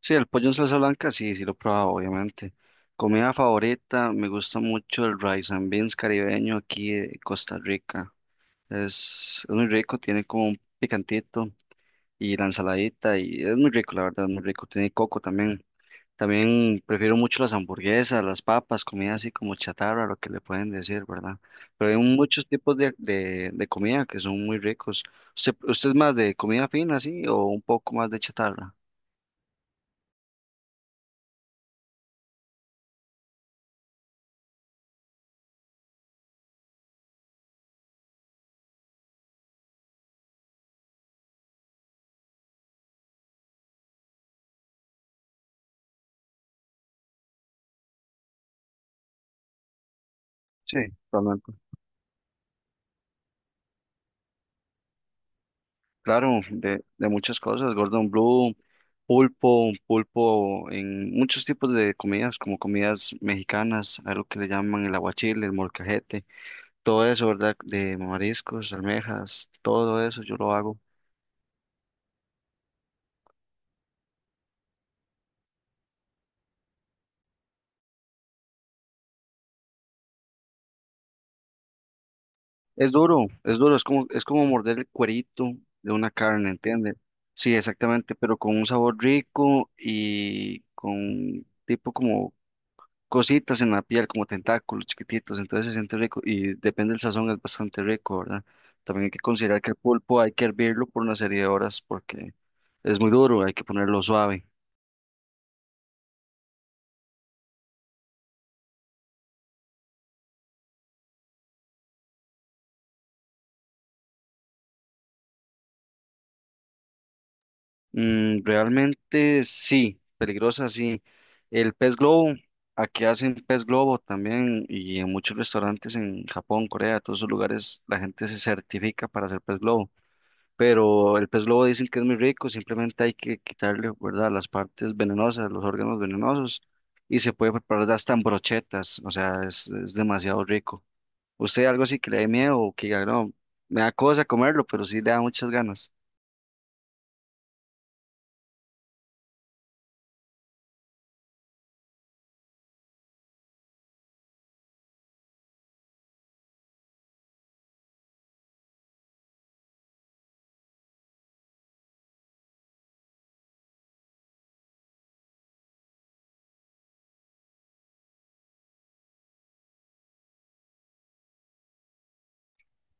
Sí, el pollo en salsa blanca, sí, sí lo he probado, obviamente. Comida favorita, me gusta mucho el rice and beans caribeño aquí de Costa Rica. Es muy rico, tiene como un picantito y la ensaladita y es muy rico, la verdad, es muy rico. Tiene coco también. También prefiero mucho las hamburguesas, las papas, comida así como chatarra, lo que le pueden decir, ¿verdad? Pero hay muchos tipos de comida que son muy ricos. ¿Usted es más de comida fina, sí, o un poco más de chatarra? Sí, totalmente. Claro, de muchas cosas, Gordon Blue, pulpo, pulpo en muchos tipos de comidas, como comidas mexicanas, algo que le llaman el aguachile, el molcajete, todo eso, ¿verdad? De mariscos, almejas, todo eso yo lo hago. Es duro, es como morder el cuerito de una carne, ¿entiende? Sí, exactamente, pero con un sabor rico y con tipo como cositas en la piel, como tentáculos chiquititos, entonces se siente rico y depende del sazón, es bastante rico, ¿verdad? También hay que considerar que el pulpo hay que hervirlo por una serie de horas porque es muy duro, hay que ponerlo suave. Realmente sí, peligrosa sí. El pez globo, aquí hacen pez globo también y en muchos restaurantes en Japón, Corea, todos esos lugares la gente se certifica para hacer pez globo, pero el pez globo dicen que es muy rico, simplemente hay que quitarle, ¿verdad?, las partes venenosas, los órganos venenosos, y se puede preparar hasta en brochetas, o sea, es demasiado rico. ¿Usted algo así que le dé miedo o que diga, no, me da cosa comerlo, pero sí le da muchas ganas?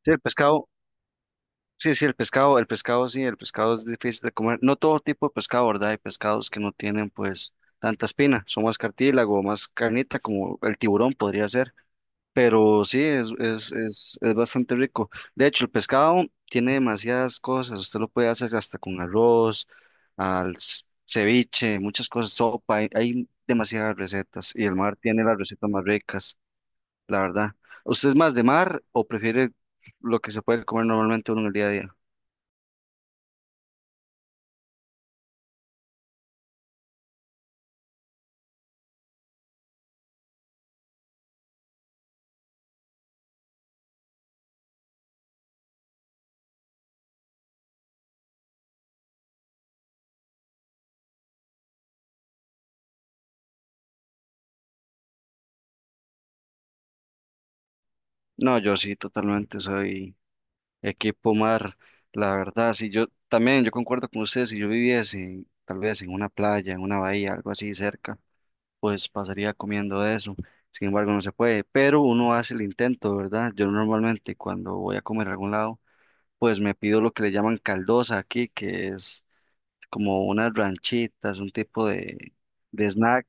Sí, el pescado, sí, sí, el pescado, sí, el pescado es difícil de comer, no todo tipo de pescado, ¿verdad? Hay pescados que no tienen, pues, tanta espina, son más cartílago, más carnita, como el tiburón podría ser. Pero sí, es bastante rico. De hecho, el pescado tiene demasiadas cosas. Usted lo puede hacer hasta con arroz, ceviche, muchas cosas, sopa. Hay demasiadas recetas y el mar tiene las recetas más ricas, la verdad. ¿Usted es más de mar o prefiere lo que se puede comer normalmente uno en el día a día? No, yo sí, totalmente soy equipo mar, la verdad. Si yo también, yo concuerdo con usted, si yo viviese tal vez en una playa, en una bahía, algo así cerca. Pues pasaría comiendo de eso. Sin embargo, no se puede, pero uno hace el intento, ¿verdad? Yo normalmente cuando voy a comer a algún lado, pues me pido lo que le llaman caldosa aquí, que es como unas ranchitas, un tipo de snack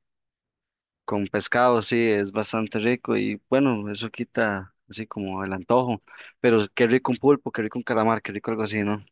con pescado, sí, es bastante rico y bueno, eso quita así como el antojo, pero qué rico un pulpo, qué rico un calamar, qué rico algo así, ¿no?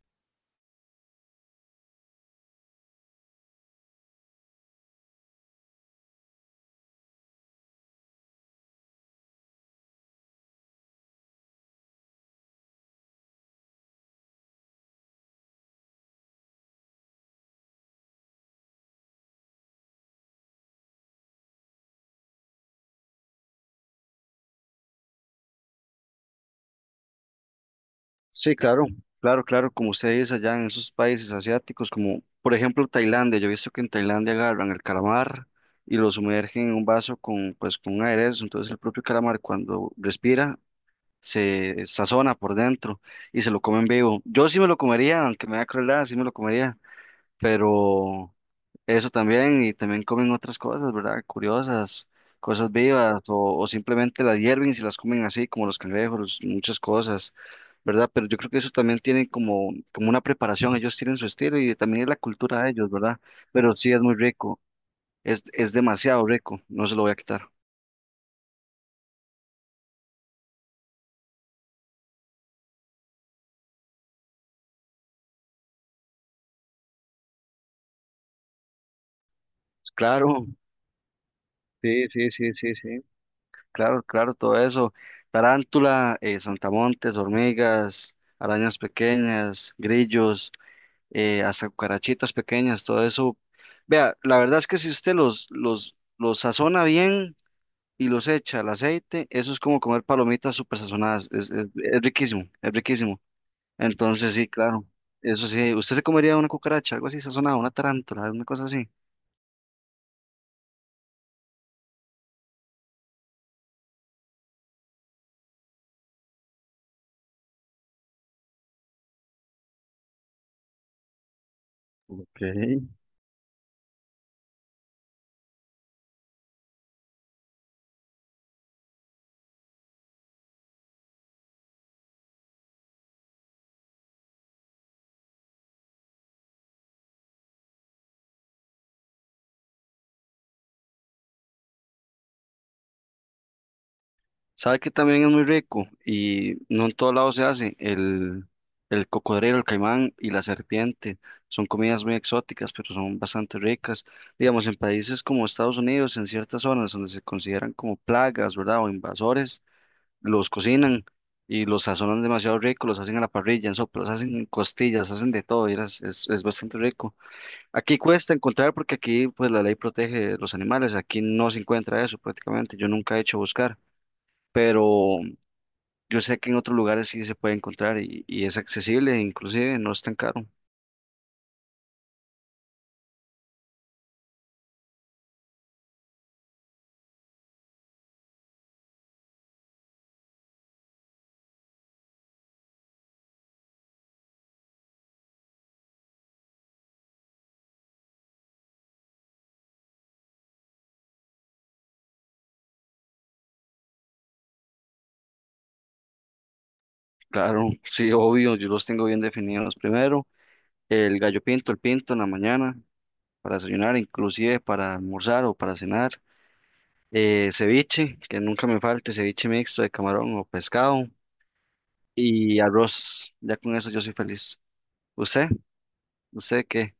Sí, claro, como ustedes allá en esos países asiáticos, como por ejemplo Tailandia, yo he visto que en Tailandia agarran el calamar y lo sumergen en un vaso con, pues, con un aderezo, entonces el propio calamar cuando respira se sazona por dentro y se lo comen vivo. Yo sí me lo comería, aunque me da crueldad, sí me lo comería, pero eso también, y también comen otras cosas, ¿verdad? Curiosas, cosas vivas, o simplemente las hierven y se las comen así, como los cangrejos, muchas cosas, ¿verdad? Pero yo creo que eso también tiene como, como una preparación, ellos tienen su estilo y también es la cultura de ellos, ¿verdad? Pero sí es muy rico, es demasiado rico, no se lo voy a quitar. Claro, sí, sí, sí, sí, sí, claro, claro, todo eso. Tarántula, saltamontes, hormigas, arañas pequeñas, grillos. Hasta cucarachitas pequeñas, todo eso. Vea, la verdad es que si usted los sazona bien y los echa al aceite, eso es como comer palomitas súper sazonadas, es riquísimo, es riquísimo. Entonces sí, claro, eso sí, ¿usted se comería una cucaracha, algo así sazonado, una tarántula, una cosa así? Ok. ¿Sabe que también es muy rico? Y no en todos lados se hace. El cocodrilo, el caimán y la serpiente. Son comidas muy exóticas, pero son bastante ricas. Digamos, en países como Estados Unidos, en ciertas zonas donde se consideran como plagas, ¿verdad? O invasores, los cocinan y los sazonan demasiado rico, los hacen a la parrilla, en sopas, hacen en costillas, hacen de todo. Es bastante rico. Aquí cuesta encontrar porque aquí pues la ley protege los animales. Aquí no se encuentra eso prácticamente. Yo nunca he hecho buscar, pero yo sé que en otros lugares sí se puede encontrar y es accesible, inclusive no es tan caro. Claro, sí, obvio, yo los tengo bien definidos. Primero, el gallo pinto, el pinto en la mañana para desayunar, inclusive para almorzar o para cenar. Ceviche, que nunca me falte, ceviche mixto de camarón o pescado y arroz. Ya con eso yo soy feliz. ¿Usted? ¿Usted qué?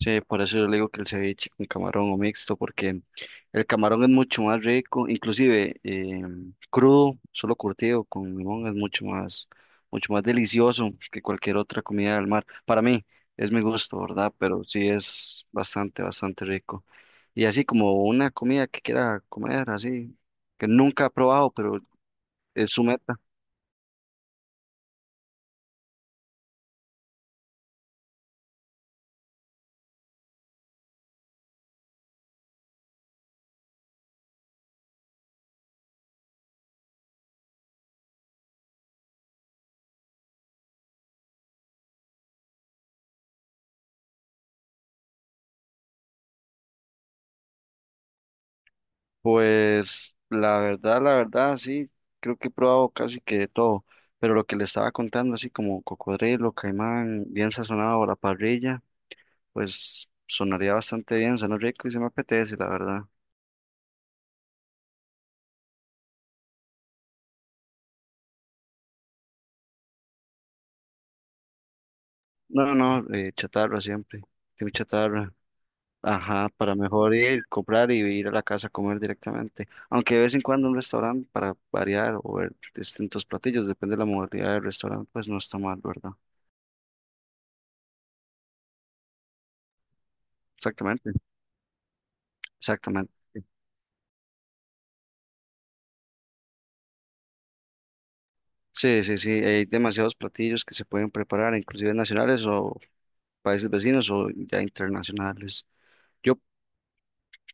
Sí, por eso yo le digo que el ceviche con camarón o mixto, porque el camarón es mucho más rico, inclusive crudo, solo curtido con limón es mucho más delicioso que cualquier otra comida del mar. Para mí es mi gusto, ¿verdad? Pero sí es bastante, bastante rico. Y así como una comida que quiera comer, así, que nunca ha probado, pero es su meta. Pues la verdad, sí, creo que he probado casi que de todo, pero lo que le estaba contando, así como cocodrilo, caimán, bien sazonado a la parrilla, pues sonaría bastante bien, suena rico y se me apetece, la verdad. No, no, chatarra siempre, tengo chatarra, ajá, para mejor ir, comprar y ir a la casa a comer directamente, aunque de vez en cuando un restaurante para variar o ver distintos platillos, depende de la modalidad del restaurante, pues no está mal, ¿verdad? Exactamente, exactamente. Sí, sí, sí, hay demasiados platillos que se pueden preparar, inclusive nacionales o países vecinos o ya internacionales. Yo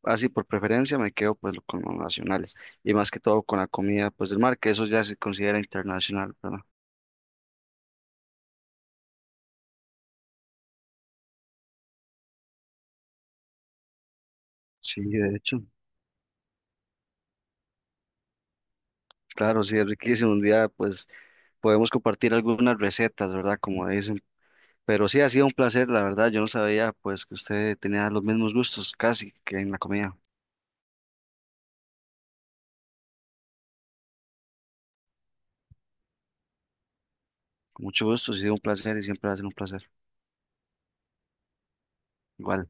así por preferencia me quedo pues con los nacionales y más que todo con la comida pues del mar, que eso ya se considera internacional, ¿verdad? Sí, de hecho, claro, sí, es riquísimo. Un día pues podemos compartir algunas recetas, ¿verdad? Como dicen. Pero sí, ha sido un placer, la verdad. Yo no sabía pues que usted tenía los mismos gustos casi que en la comida. Con mucho gusto, ha sido un placer y siempre va a ser un placer. Igual.